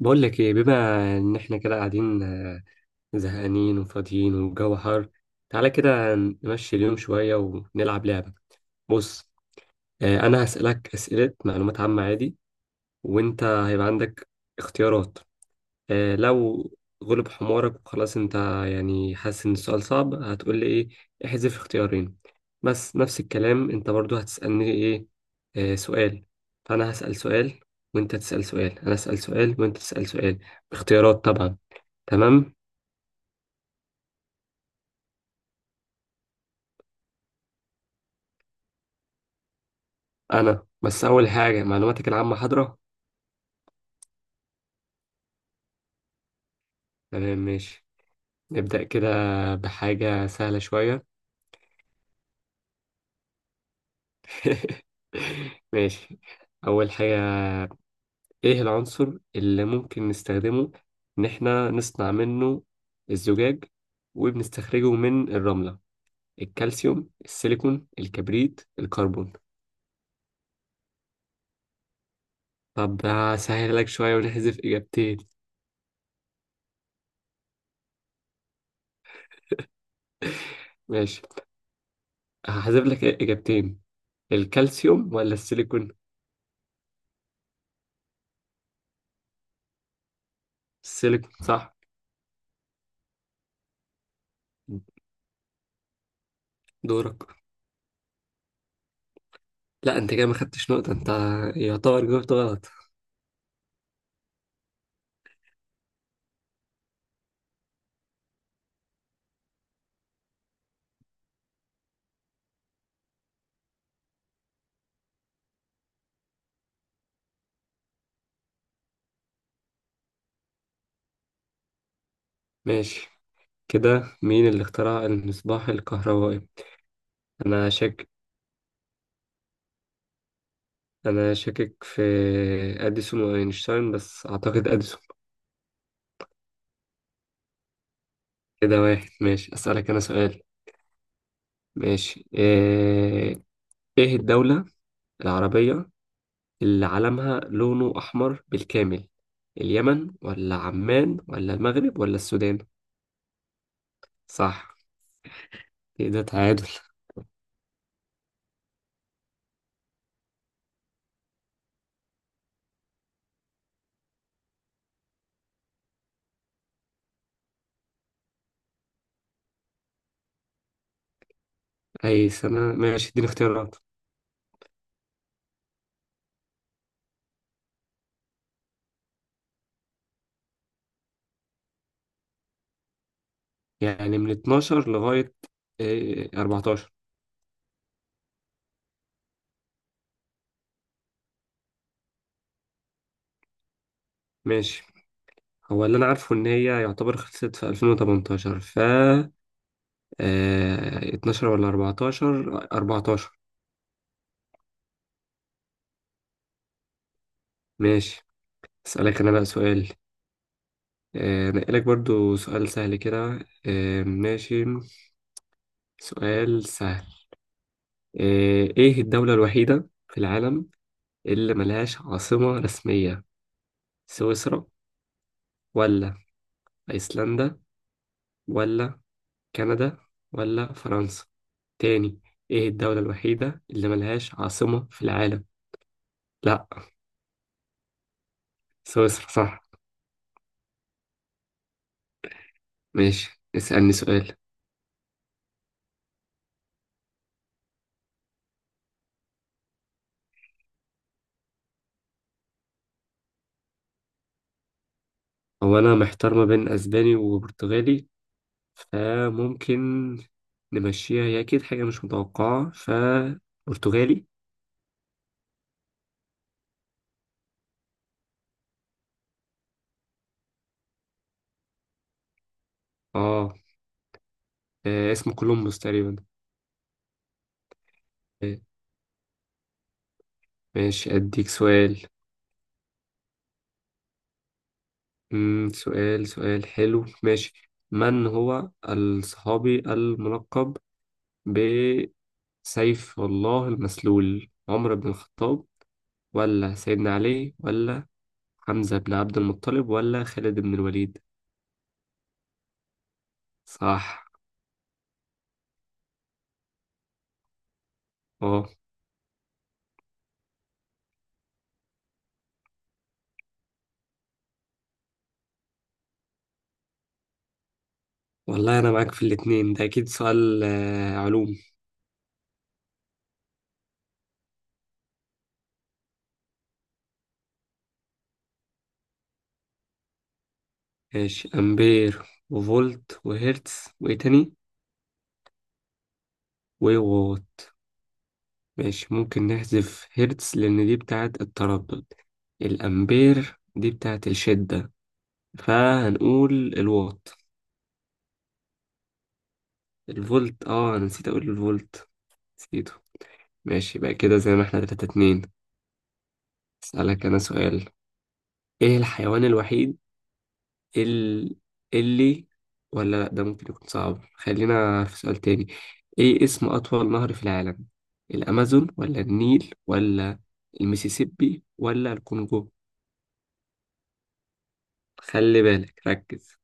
بقول لك ايه؟ بما ان احنا كده قاعدين، زهقانين وفاضيين والجو حر، تعالى كده نمشي اليوم شوية ونلعب لعبة. بص، انا هسألك أسئلة معلومات عامة عادي، وانت هيبقى عندك اختيارات. لو غلب حمارك وخلاص، انت يعني حاسس ان السؤال صعب، هتقول لي ايه؟ احذف اختيارين. بس نفس الكلام، انت برضو هتسألني ايه؟ سؤال. فانا هسأل سؤال وانت تسأل سؤال، انا اسأل سؤال وانت تسأل سؤال، باختيارات طبعا. تمام. انا بس اول حاجه، معلوماتك العامه حاضره؟ تمام ماشي، نبدا كده بحاجه سهله شويه. ماشي. اول حاجه، ايه العنصر اللي ممكن نستخدمه ان احنا نصنع منه الزجاج وبنستخرجه من الرمله؟ الكالسيوم، السيليكون، الكبريت، الكربون. طب هسهل لك شويه ونحذف اجابتين. ماشي، هحذف لك اجابتين. الكالسيوم ولا السيليكون؟ السيليكون صح. دورك. لا، انت كده ما خدتش نقطة، انت يعتبر جاوبت غلط. ماشي. كده مين اللي اخترع المصباح الكهربائي؟ انا شاك. انا شاكك في اديسون واينشتاين، بس اعتقد اديسون. كده واحد. ماشي، اسألك انا سؤال. ماشي ايه؟ إيه الدولة العربية اللي علمها لونه احمر بالكامل؟ اليمن ولا عمان ولا المغرب ولا السودان؟ صح. كده تعادل. اي سنة؟ ماشي اديني اختيارات. يعني من 12 لغاية 14؟ ماشي. هو اللي أنا عارفه إن هي يعتبر خلصت في 2018، ف 12 ولا 14؟ 14. ماشي. أسألك أنا بقى سؤال. نقلك برضو سؤال سهل كده. ماشي. سؤال سهل. إيه الدولة الوحيدة في العالم اللي ملهاش عاصمة رسمية؟ سويسرا ولا أيسلندا ولا كندا ولا فرنسا؟ تاني: ايه الدولة الوحيدة اللي ملهاش عاصمة في العالم؟ لا. سويسرا صح. ماشي، اسألني سؤال. هو انا محتار ما بين اسباني وبرتغالي، فممكن نمشيها، هي اكيد حاجة مش متوقعة، فبرتغالي. اه. اسمه كولومبوس تقريبا. آه، ماشي، اديك سؤال. سؤال حلو. ماشي، من هو الصحابي الملقب سيف الله المسلول؟ عمر بن الخطاب ولا سيدنا علي ولا حمزة بن عبد المطلب ولا خالد بن الوليد؟ صح. اه. والله أنا معاك في الاتنين ده، أكيد سؤال علوم. ماشي، أمبير وفولت وهرتز. وإيه تاني؟ ووات. ماشي، ممكن نحذف هرتز لأن دي بتاعة التردد، الأمبير دي بتاعة الشدة، فهنقول الوات. الفولت، اه، أنا نسيت أقول الفولت، نسيته. ماشي بقى، كده زي ما احنا تلاتة اتنين. اسألك انا سؤال. ايه الحيوان الوحيد ال... اللي ولا لا، ده ممكن يكون صعب، خلينا في سؤال تاني. ايه اسم اطول نهر في العالم؟ الامازون ولا النيل ولا المسيسيبي ولا الكونغو؟ خلي بالك، ركز.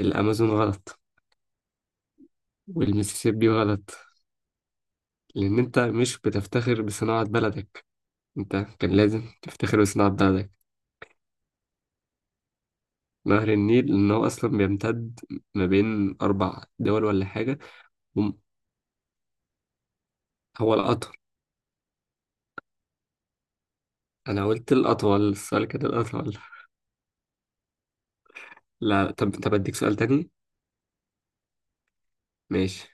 الامازون غلط، والمسيسيبي غلط. لان انت مش بتفتخر بصناعة بلدك، انت كان لازم تفتخر بصناعة بلدك. نهر النيل، لأن هو أصلا بيمتد ما بين أربع دول ولا حاجة. هم- هو الأطول. أنا قلت الأطول، السؤال كده الأطول. لا، طب أديك سؤال تاني. ماشي.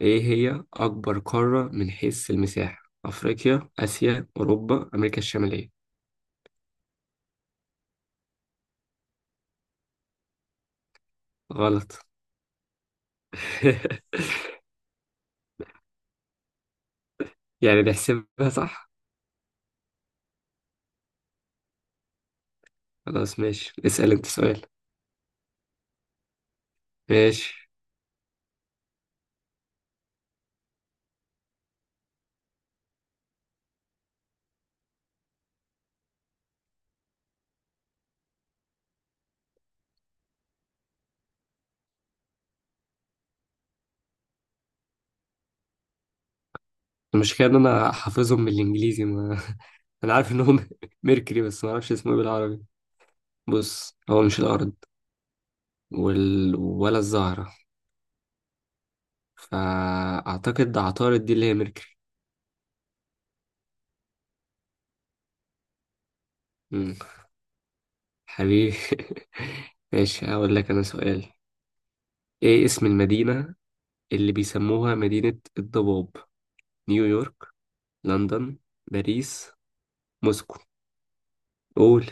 إيه هي أكبر قارة من حيث المساحة؟ أفريقيا، آسيا، أوروبا، أمريكا الشمالية؟ غلط. يعني نحسبها صح؟ خلاص ماشي، اسأل أنت سؤال. ماشي. المشكلة إن أنا حافظهم بالإنجليزي، ما... أنا عارف إنهم ميركوري، بس ما أعرفش اسمه إيه بالعربي. بص، هو مش الأرض ولا الزهرة. فأعتقد عطارد دي اللي هي ميركوري. مم. حبيبي. ماشي، هقول لك أنا سؤال. إيه اسم المدينة اللي بيسموها مدينة الضباب؟ نيويورك، لندن، باريس، موسكو. قول.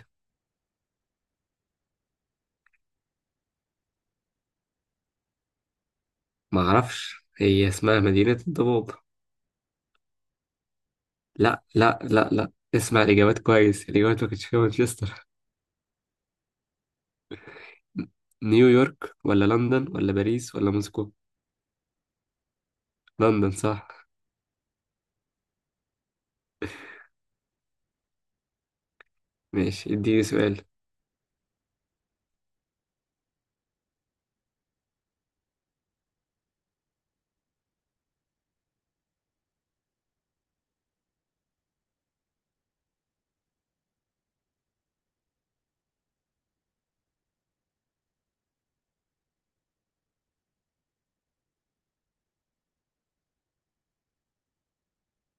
معرفش، هي اسمها مدينة الضباب. لا، اسمع الإجابات كويس، الإجابات ما كانتش فيها مانشستر. م- نيويورك ولا لندن ولا باريس ولا موسكو؟ لندن صح. ماشي، اديني سؤال.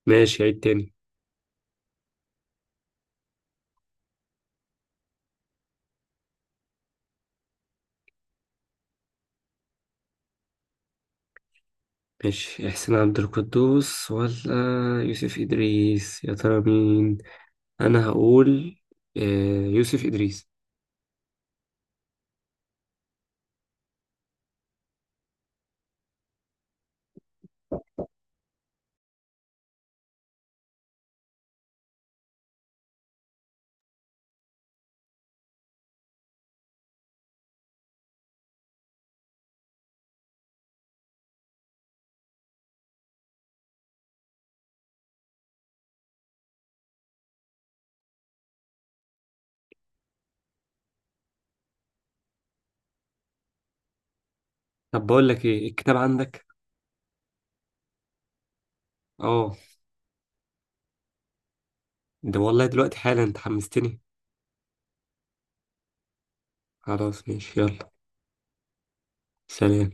ماشي، عيد تاني. ماشي، إحسان عبد القدوس ولا يوسف إدريس، يا ترى مين؟ أنا هقول آه، يوسف إدريس. طب بقول لك، إيه الكتاب عندك؟ اه. ده والله دلوقتي حالا، أنت حمستني. خلاص ماشي، يلا. سلام.